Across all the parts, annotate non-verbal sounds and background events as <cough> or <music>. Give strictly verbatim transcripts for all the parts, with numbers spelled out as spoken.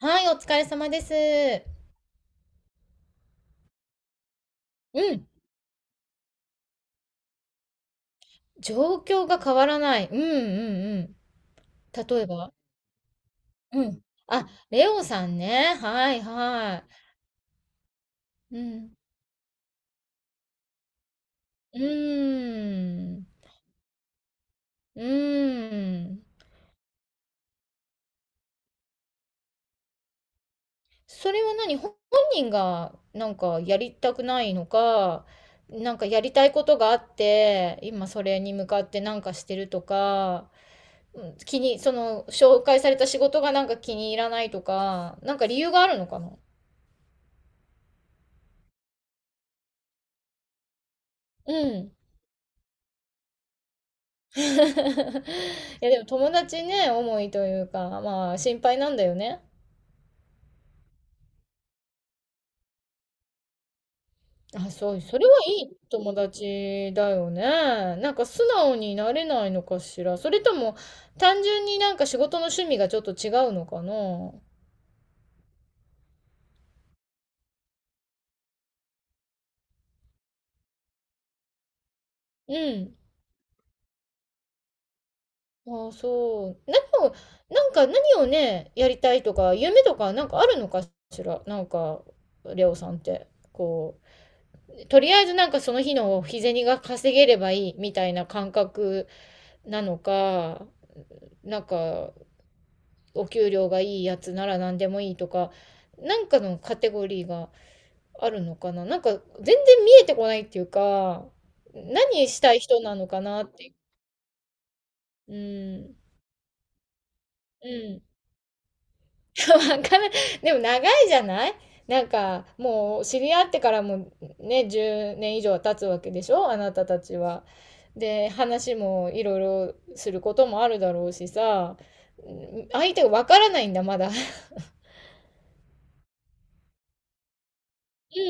はい、お疲れ様です。うん。状況が変わらない。うんうんうん。例えば、うん。あ、レオさんね。はいはい。うん。うーん。うーん。それは何、ほ本人がなんかやりたくないのか、なんかやりたいことがあって、今それに向かってなんかしてるとか、うん、気に、その紹介された仕事がなんか気に入らないとか、なんか理由があるのかな。うん。 <laughs> いやでも友達ね、思いというか、まあ心配なんだよね。あ、そう、それはいい友達だよね。なんか素直になれないのかしら。それとも単純になんか仕事の趣味がちょっと違うのかな。うん。ああ、そう。何を、なんか何をね、やりたいとか、夢とかなんかあるのかしら。なんか、レオさんって、こう、とりあえずなんかその日の日銭が稼げればいいみたいな感覚なのか、なんかお給料がいいやつなら何でもいいとか、なんかのカテゴリーがあるのかな。なんか全然見えてこないっていうか、何したい人なのかなって。うん。うん。わからでも長いじゃない。なんかもう知り合ってからもね、じゅうねん以上は経つわけでしょ、あなたたちは。で話もいろいろすることもあるだろうしさ、うん、相手がわからないんだまだ。うん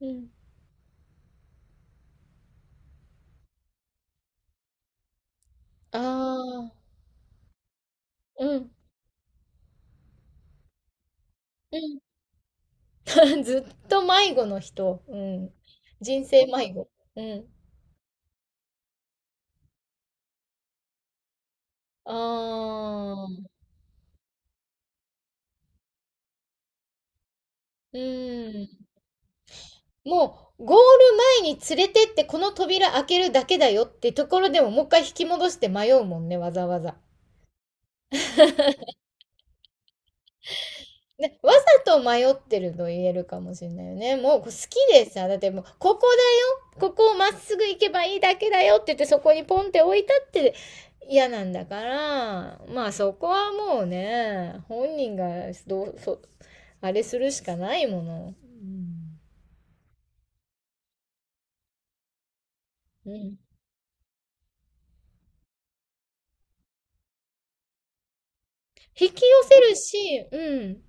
うん。ああ、うんうん。 <laughs> ずっと迷子の人。うん、人生迷子。うん。ああ。うん。もう、ゴール前に連れてってこの扉開けるだけだよってところでももう一回引き戻して迷うもんね、わざわざ。で、わざと迷ってると言えるかもしれないよね。もう好きでさ、だってもう、ここだよ、ここをまっすぐ行けばいいだけだよって言ってそこにポンって置いたって嫌なんだから、まあそこはもうね、本人がどう、そ、あれするしかないもの。うん。引き寄せるし、うん。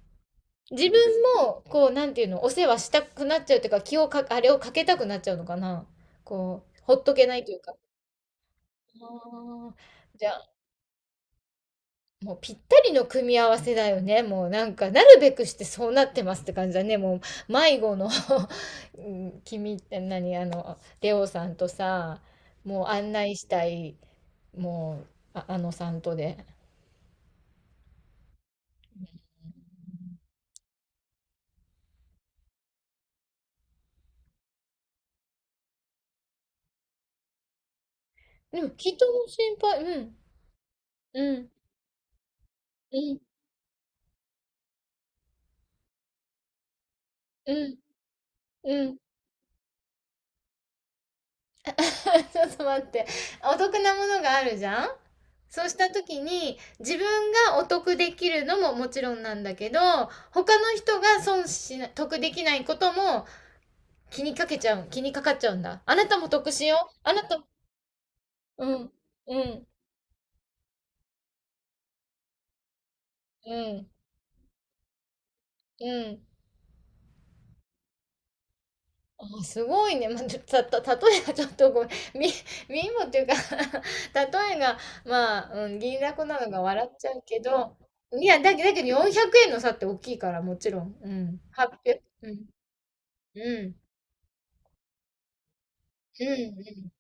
自分も、こう、なんていうの、お世話したくなっちゃうというか、気をか、あれをかけたくなっちゃうのかな。こう、ほっとけないというか。あー、じゃあ、もうぴったりの組み合わせだよね。もうなんか、なるべくしてそうなってますって感じだね。もう、迷子の、 <laughs> うん、<laughs> 君って何、あの、レオさんとさ、もう案内したい、もう、あ、あのさんとで。でも、人も心配、うん、うん、うん、うん、うん。<laughs> ちょっと待って。お得なものがあるじゃん。そうした時に自分がお得できるのももちろんなんだけど、他の人が損しな、得できないことも気にかけちゃう、気にかかっちゃうんだ。あなたも得しよう。あなた、うん、うん、うん、うん。あ、すごいね。まあ、た、<laughs> た、た例えがちょっとごめん。<laughs> み、みもっていうか、 <laughs> 例えが、まあ、うん、銀だこなのが笑っちゃうけど、いや、だけだけどよんひゃくえんの差って大きいから、もちろん。うん。はっぴゃく、うん。うん。うん。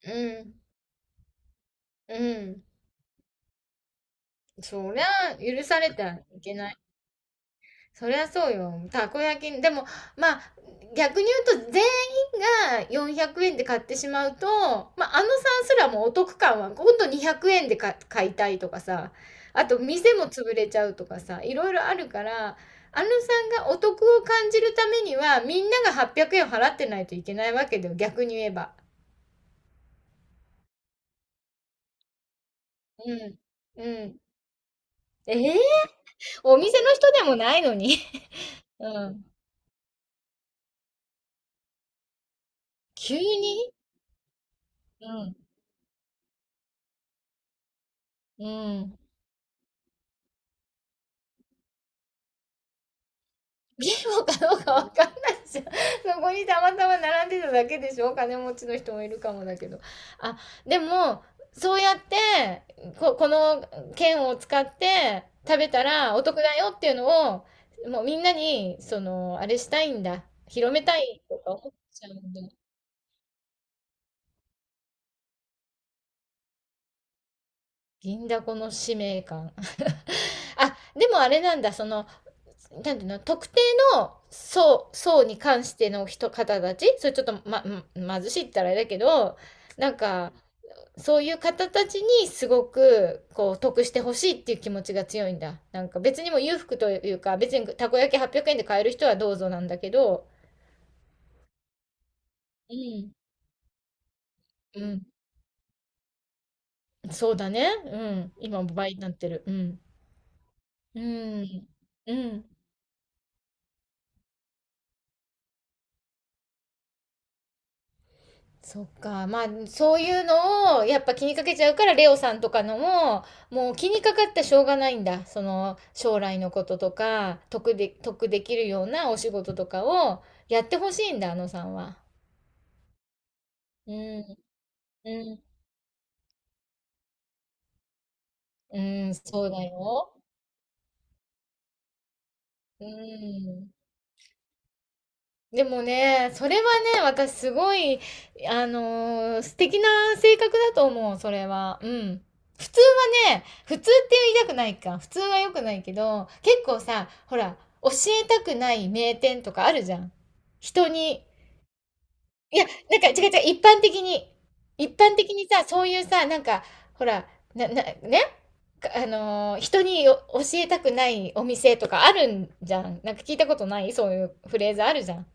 うん。うん。そりゃ、許されてはいけない。そりゃそうよ。たこ焼き、でも、まあ、逆に言うと、全員がよんひゃくえんで買ってしまうと、まあ、あのさんすらもお得感は、ほんとにひゃくえんでか買いたいとかさ、あと、店も潰れちゃうとかさ、いろいろあるから、あのさんがお得を感じるためには、みんながはっぴゃくえん払ってないといけないわけだよ、逆に言えば。うん。うん。えー、お店の人でもないのに。<laughs> うん。急に、うん。うん。ゲームかどうかわかんないじゃん。<laughs> そこにたまたま並んでただけでしょ、金持ちの人もいるかもだけど。あ、でも、そうやって、こ、この券を使って食べたらお得だよっていうのを、もうみんなに、その、あれしたいんだ。広めたいとか思っちゃうんだ。銀だこの使命感。<laughs> あ、でもあれなんだ、その、なんていうの、特定の層層に関しての人方たち、それちょっとま、ま、貧しいって言ったらあれだけど、なんかそういう方たちにすごくこう得してほしいっていう気持ちが強いんだ。なんか別にも裕福というか、別にたこ焼きはっぴゃくえんで買える人はどうぞなんだけど。うん、うん、そうだね、うん、今も倍になってる、うん、うん、うん、そっか。まあ、そういうのを、やっぱ気にかけちゃうから、レオさんとかのも、もう気にかかってしょうがないんだ。その、将来のこととか、得で、得できるようなお仕事とかをやってほしいんだ、あのさんは。うん、うん、うん、そうだよ。うん。でもね、それはね、私すごい、あのー、素敵な性格だと思う、それは。うん。普通はね、普通って言いたくないか。普通は良くないけど、結構さ、ほら、教えたくない名店とかあるじゃん。人に。いや、なんか違う違う、一般的に。一般的にさ、そういうさ、なんか、ほら、な、な、ね、かあのー、人によ教えたくないお店とかあるんじゃん。なんか聞いたことないそういうフレーズあるじゃん。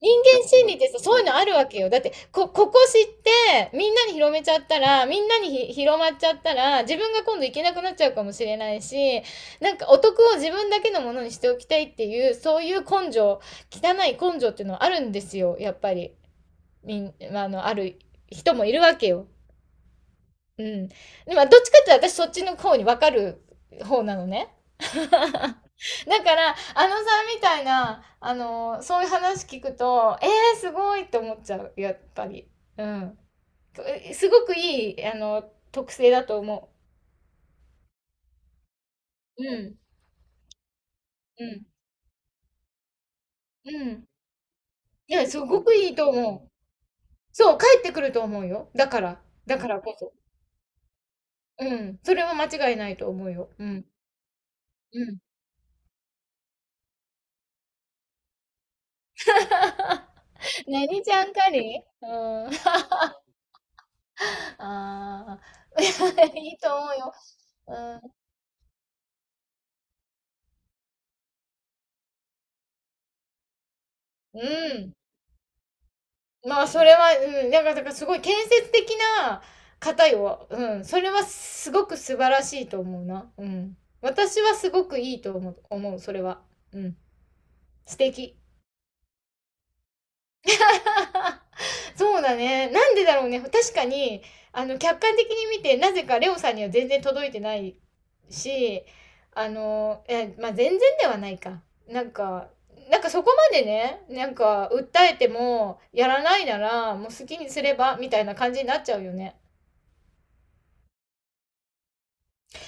人間心理ってさ、そういうのあるわけよ。だって、こ、ここ知って、みんなに広めちゃったら、みんなにひ広まっちゃったら、自分が今度行けなくなっちゃうかもしれないし、なんかお得を自分だけのものにしておきたいっていう、そういう根性、汚い根性っていうのはあるんですよ、やっぱり。みん、まああの、ある人もいるわけよ。うん。でも、どっちかっていうと私そっちの方に分かる方なのね。<laughs> だから、あのさんみたいな、あのそういう話聞くと、えー、すごいって思っちゃう、やっぱり。うん。すごくいい、あの、特性だと思う。うん。うん。うん。いや、すごくいいと思う。そう、帰ってくると思うよ。だから。だからこそ。うん。それは間違いないと思うよ。うん。うん。<laughs> 何ちゃんかり、うん。ああ、<laughs> いいと思うよ。うん。うん。まあ、それは、うん、なんか、だからすごい建設的な方よ。うん。それはすごく素晴らしいと思うな。うん。私はすごくいいと思う、思う、それは。うん。素敵。<laughs> そうだね。なんでだろうね。確かに、あの、客観的に見て、なぜかレオさんには全然届いてないし、あの、え、まあ、全然ではないか。なんか、なんかそこまでね、なんか、訴えても、やらないなら、もう好きにすれば、みたいな感じになっちゃうよね。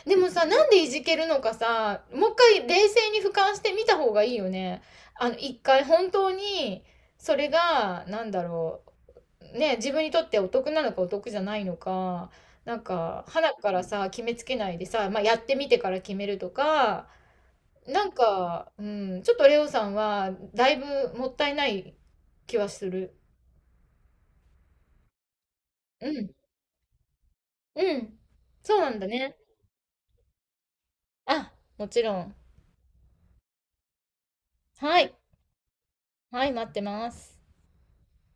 でもさ、なんでいじけるのかさ、もう一回冷静に俯瞰してみた方がいいよね。あの、一回本当に、それが、なんだろう、ね、自分にとってお得なのかお得じゃないのか、なんか、花からさ、決めつけないでさ、まあ、やってみてから決めるとか、なんか、うん、ちょっとレオさんは、だいぶもったいない気はする。うん、うん、そうなんだね。あ、もちろん。はい、はい、待ってます。